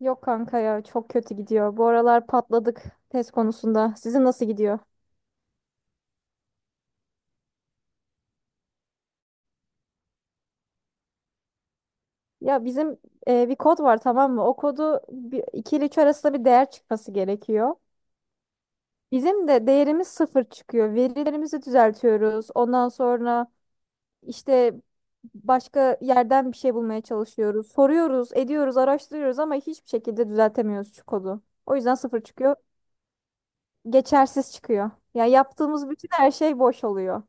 Yok kanka ya çok kötü gidiyor. Bu aralar patladık test konusunda. Sizin nasıl gidiyor? Ya bizim bir kod var, tamam mı? O kodu bir, 2 ile 3 arasında bir değer çıkması gerekiyor. Bizim de değerimiz sıfır çıkıyor. Verilerimizi düzeltiyoruz. Ondan sonra işte başka yerden bir şey bulmaya çalışıyoruz. Soruyoruz, ediyoruz, araştırıyoruz ama hiçbir şekilde düzeltemiyoruz şu kodu. O yüzden sıfır çıkıyor. Geçersiz çıkıyor. Ya yaptığımız bütün her şey boş oluyor.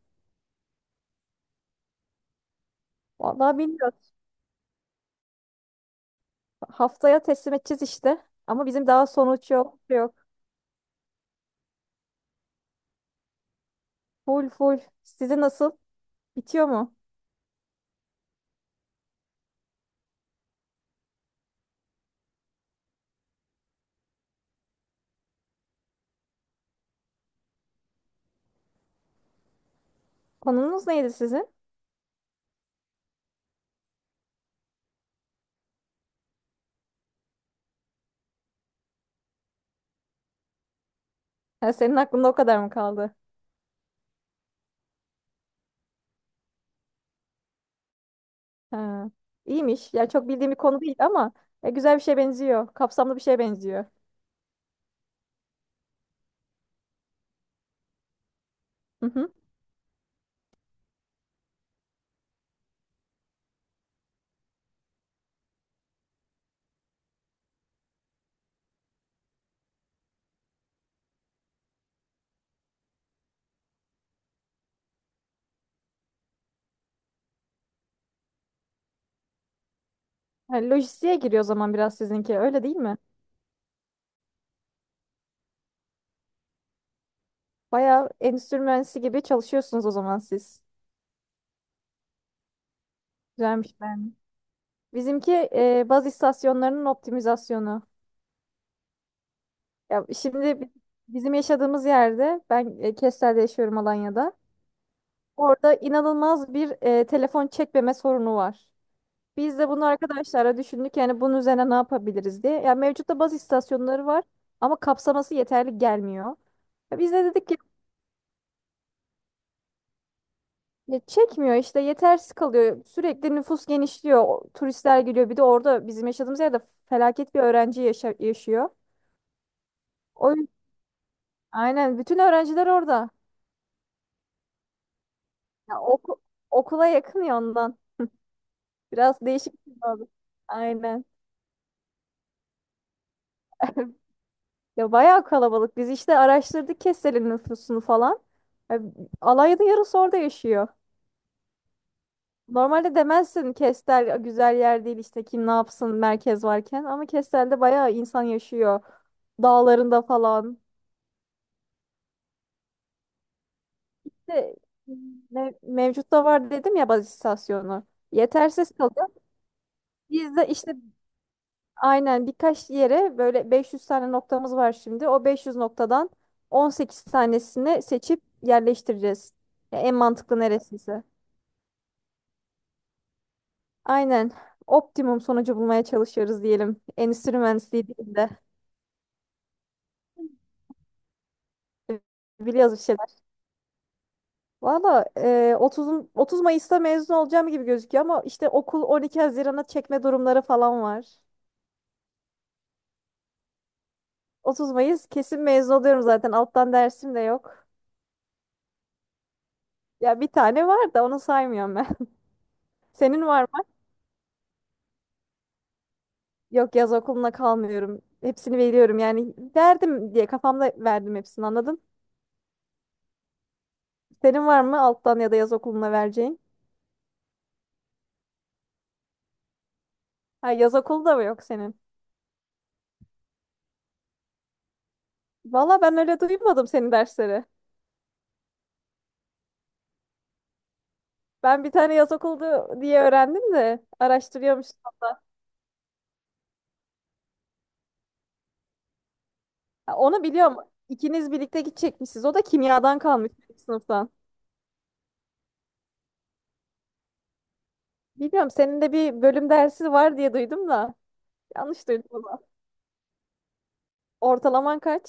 Vallahi bilmiyorum. Haftaya teslim edeceğiz işte. Ama bizim daha sonuç yok. Yok. Full full. Sizin nasıl? Bitiyor mu? Konunuz neydi sizin? Ha, senin aklında o kadar mı kaldı? Ha. İyiymiş. Yani çok bildiğim bir konu değil ama güzel bir şeye benziyor. Kapsamlı bir şeye benziyor. Hı hı. Yani lojistiğe giriyor o zaman biraz sizinki. Öyle değil mi? Bayağı endüstri mühendisi gibi çalışıyorsunuz o zaman siz. Güzelmiş ben. Bizimki baz istasyonlarının optimizasyonu. Ya şimdi bizim yaşadığımız yerde ben Kestel'de yaşıyorum Alanya'da. Orada inanılmaz bir telefon çekmeme sorunu var. Biz de bunu arkadaşlara düşündük yani bunun üzerine ne yapabiliriz diye. Yani mevcutta baz istasyonları var ama kapsaması yeterli gelmiyor. Ya biz de dedik ki, "Ya çekmiyor işte yetersiz kalıyor. Sürekli nüfus genişliyor. Turistler geliyor. Bir de orada bizim yaşadığımız yerde felaket bir öğrenci yaşıyor. O yüzden- aynen bütün öğrenciler orada. Ya okula yakın ya ondan. Biraz değişik bir şey oldu. Aynen. Ya bayağı kalabalık. Biz işte araştırdık Kestel'in nüfusunu falan. Ya, Alanya'da yarısı orada yaşıyor. Normalde demezsin, Kestel güzel yer değil işte kim ne yapsın merkez varken. Ama Kestel'de bayağı insan yaşıyor. Dağlarında falan. İşte mevcut var dedim ya baz istasyonu. Yetersiz kalıyor. Biz de işte aynen birkaç yere böyle 500 tane noktamız var şimdi. O 500 noktadan 18 tanesini seçip yerleştireceğiz. Ya en mantıklı neresiyse. Aynen. Optimum sonucu bulmaya çalışıyoruz diyelim. Endüstri mühendisliği değil de. Biliyoruz bir şeyler. Valla 30 Mayıs'ta mezun olacağım gibi gözüküyor ama işte okul 12 Haziran'a çekme durumları falan var. 30 Mayıs kesin mezun oluyorum zaten. Alttan dersim de yok. Ya bir tane var da onu saymıyorum ben. Senin var mı? Yok, yaz okuluna kalmıyorum. Hepsini veriyorum yani verdim diye kafamda verdim hepsini, anladın? Senin var mı alttan ya da yaz okuluna vereceğin? Ha, yaz okulu da mı yok senin? Valla ben öyle duymadım senin dersleri. Ben bir tane yaz okuldu diye öğrendim de araştırıyormuş. Ha, onu biliyorum. İkiniz birlikte gidecekmişsiniz. O da kimyadan kalmış bir sınıftan. Bilmiyorum senin de bir bölüm dersi var diye duydum da. Yanlış duydum ama. Ortalaman kaç?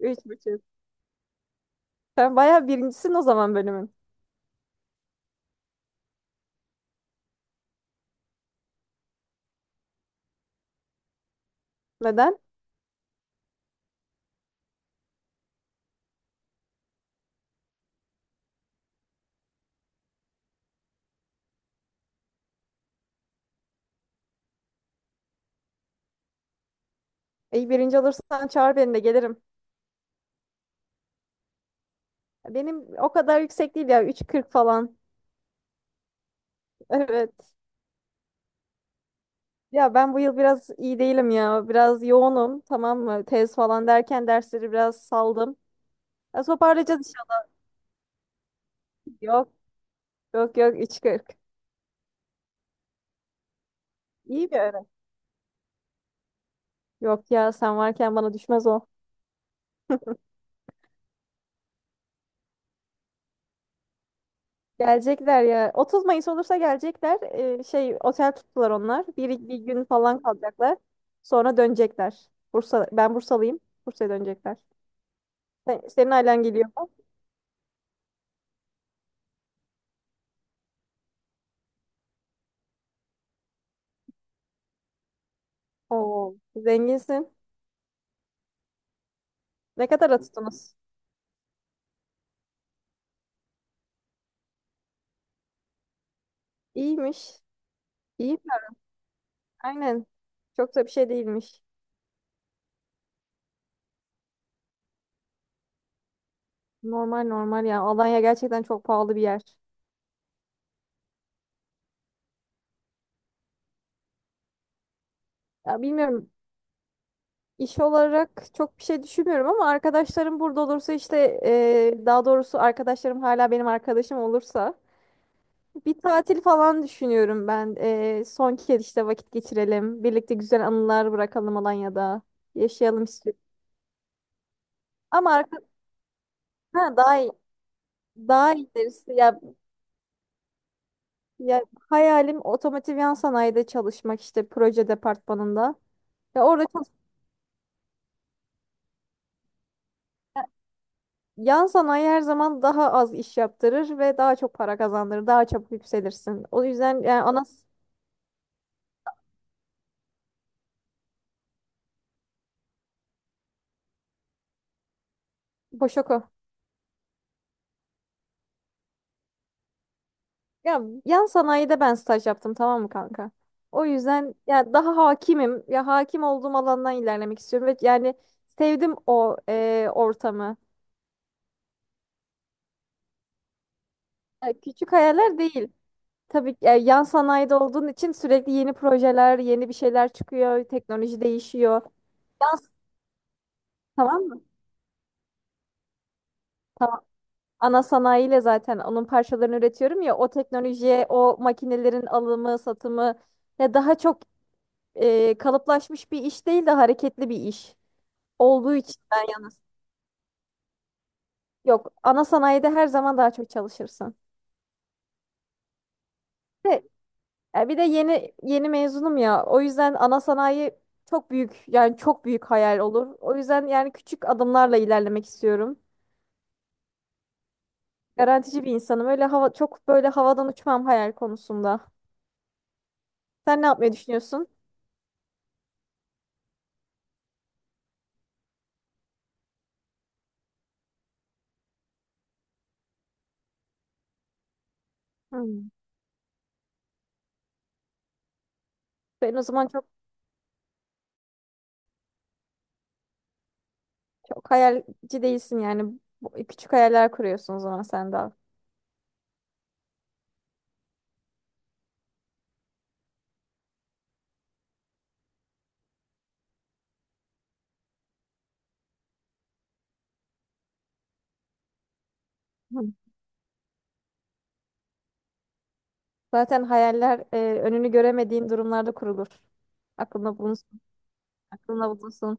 3,5. Sen bayağı birincisin o zaman bölümün. Neden? İyi, birinci olursan çağır beni de gelirim. Benim o kadar yüksek değil ya. 3,40 falan. Evet. Ya ben bu yıl biraz iyi değilim ya. Biraz yoğunum, tamam mı? Tez falan derken dersleri biraz saldım. Ya toparlayacağız inşallah. Yok yok yok 3,40. İyi bir ara. Yok ya, sen varken bana düşmez o. Gelecekler ya. 30 Mayıs olursa gelecekler. Şey otel tuttular onlar. Bir gün falan kalacaklar. Sonra dönecekler. Bursa, ben Bursalıyım. Bursa'ya dönecekler. Senin ailen geliyor mu? Oo, zenginsin. Ne kadar tuttunuz? İyiymiş. İyi. Aynen. Çok da bir şey değilmiş. Normal normal ya. Alanya gerçekten çok pahalı bir yer. Ya bilmiyorum, iş olarak çok bir şey düşünmüyorum ama arkadaşlarım burada olursa işte daha doğrusu arkadaşlarım hala benim arkadaşım olursa bir tatil falan düşünüyorum ben. Son kez işte vakit geçirelim. Birlikte güzel anılar bırakalım Alanya'da. Yaşayalım istiyorum. Ama ha, daha iyi. Daha iyi derisi ya, ya hayalim otomotiv yan sanayide çalışmak işte proje departmanında. Ya orada çalışmak. Yan sanayi her zaman daha az iş yaptırır ve daha çok para kazandırır. Daha çabuk yükselirsin. O yüzden yani Boşoku. Ya yan sanayide ben staj yaptım, tamam mı kanka? O yüzden ya daha hakimim. Ya hakim olduğum alandan ilerlemek istiyorum ve yani sevdim o ortamı. Ya küçük hayaller değil. Tabii ki, yan sanayide olduğun için sürekli yeni projeler, yeni bir şeyler çıkıyor, teknoloji değişiyor. Yan, tamam mı? Ana sanayiyle zaten onun parçalarını üretiyorum ya, o teknolojiye, o makinelerin alımı, satımı, ya daha çok kalıplaşmış bir iş değil de hareketli bir iş olduğu için ben yalnız. Yok, ana sanayide her zaman daha çok çalışırsın. Ve, bir de yeni yeni mezunum ya. O yüzden ana sanayi çok büyük yani çok büyük hayal olur. O yüzden yani küçük adımlarla ilerlemek istiyorum. Garantici bir insanım. Öyle hava çok böyle havadan uçmam hayal konusunda. Sen ne yapmayı düşünüyorsun? Hmm. Ben o zaman çok Çok hayalci değilsin yani. Küçük hayaller kuruyorsun o zaman sen daha. Hı. Zaten hayaller önünü göremediğin durumlarda kurulur. Aklında bulunsun, aklında bulunsun.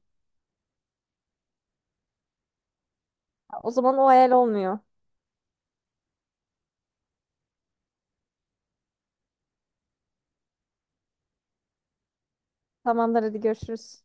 O zaman o hayal olmuyor. Tamamdır, hadi görüşürüz.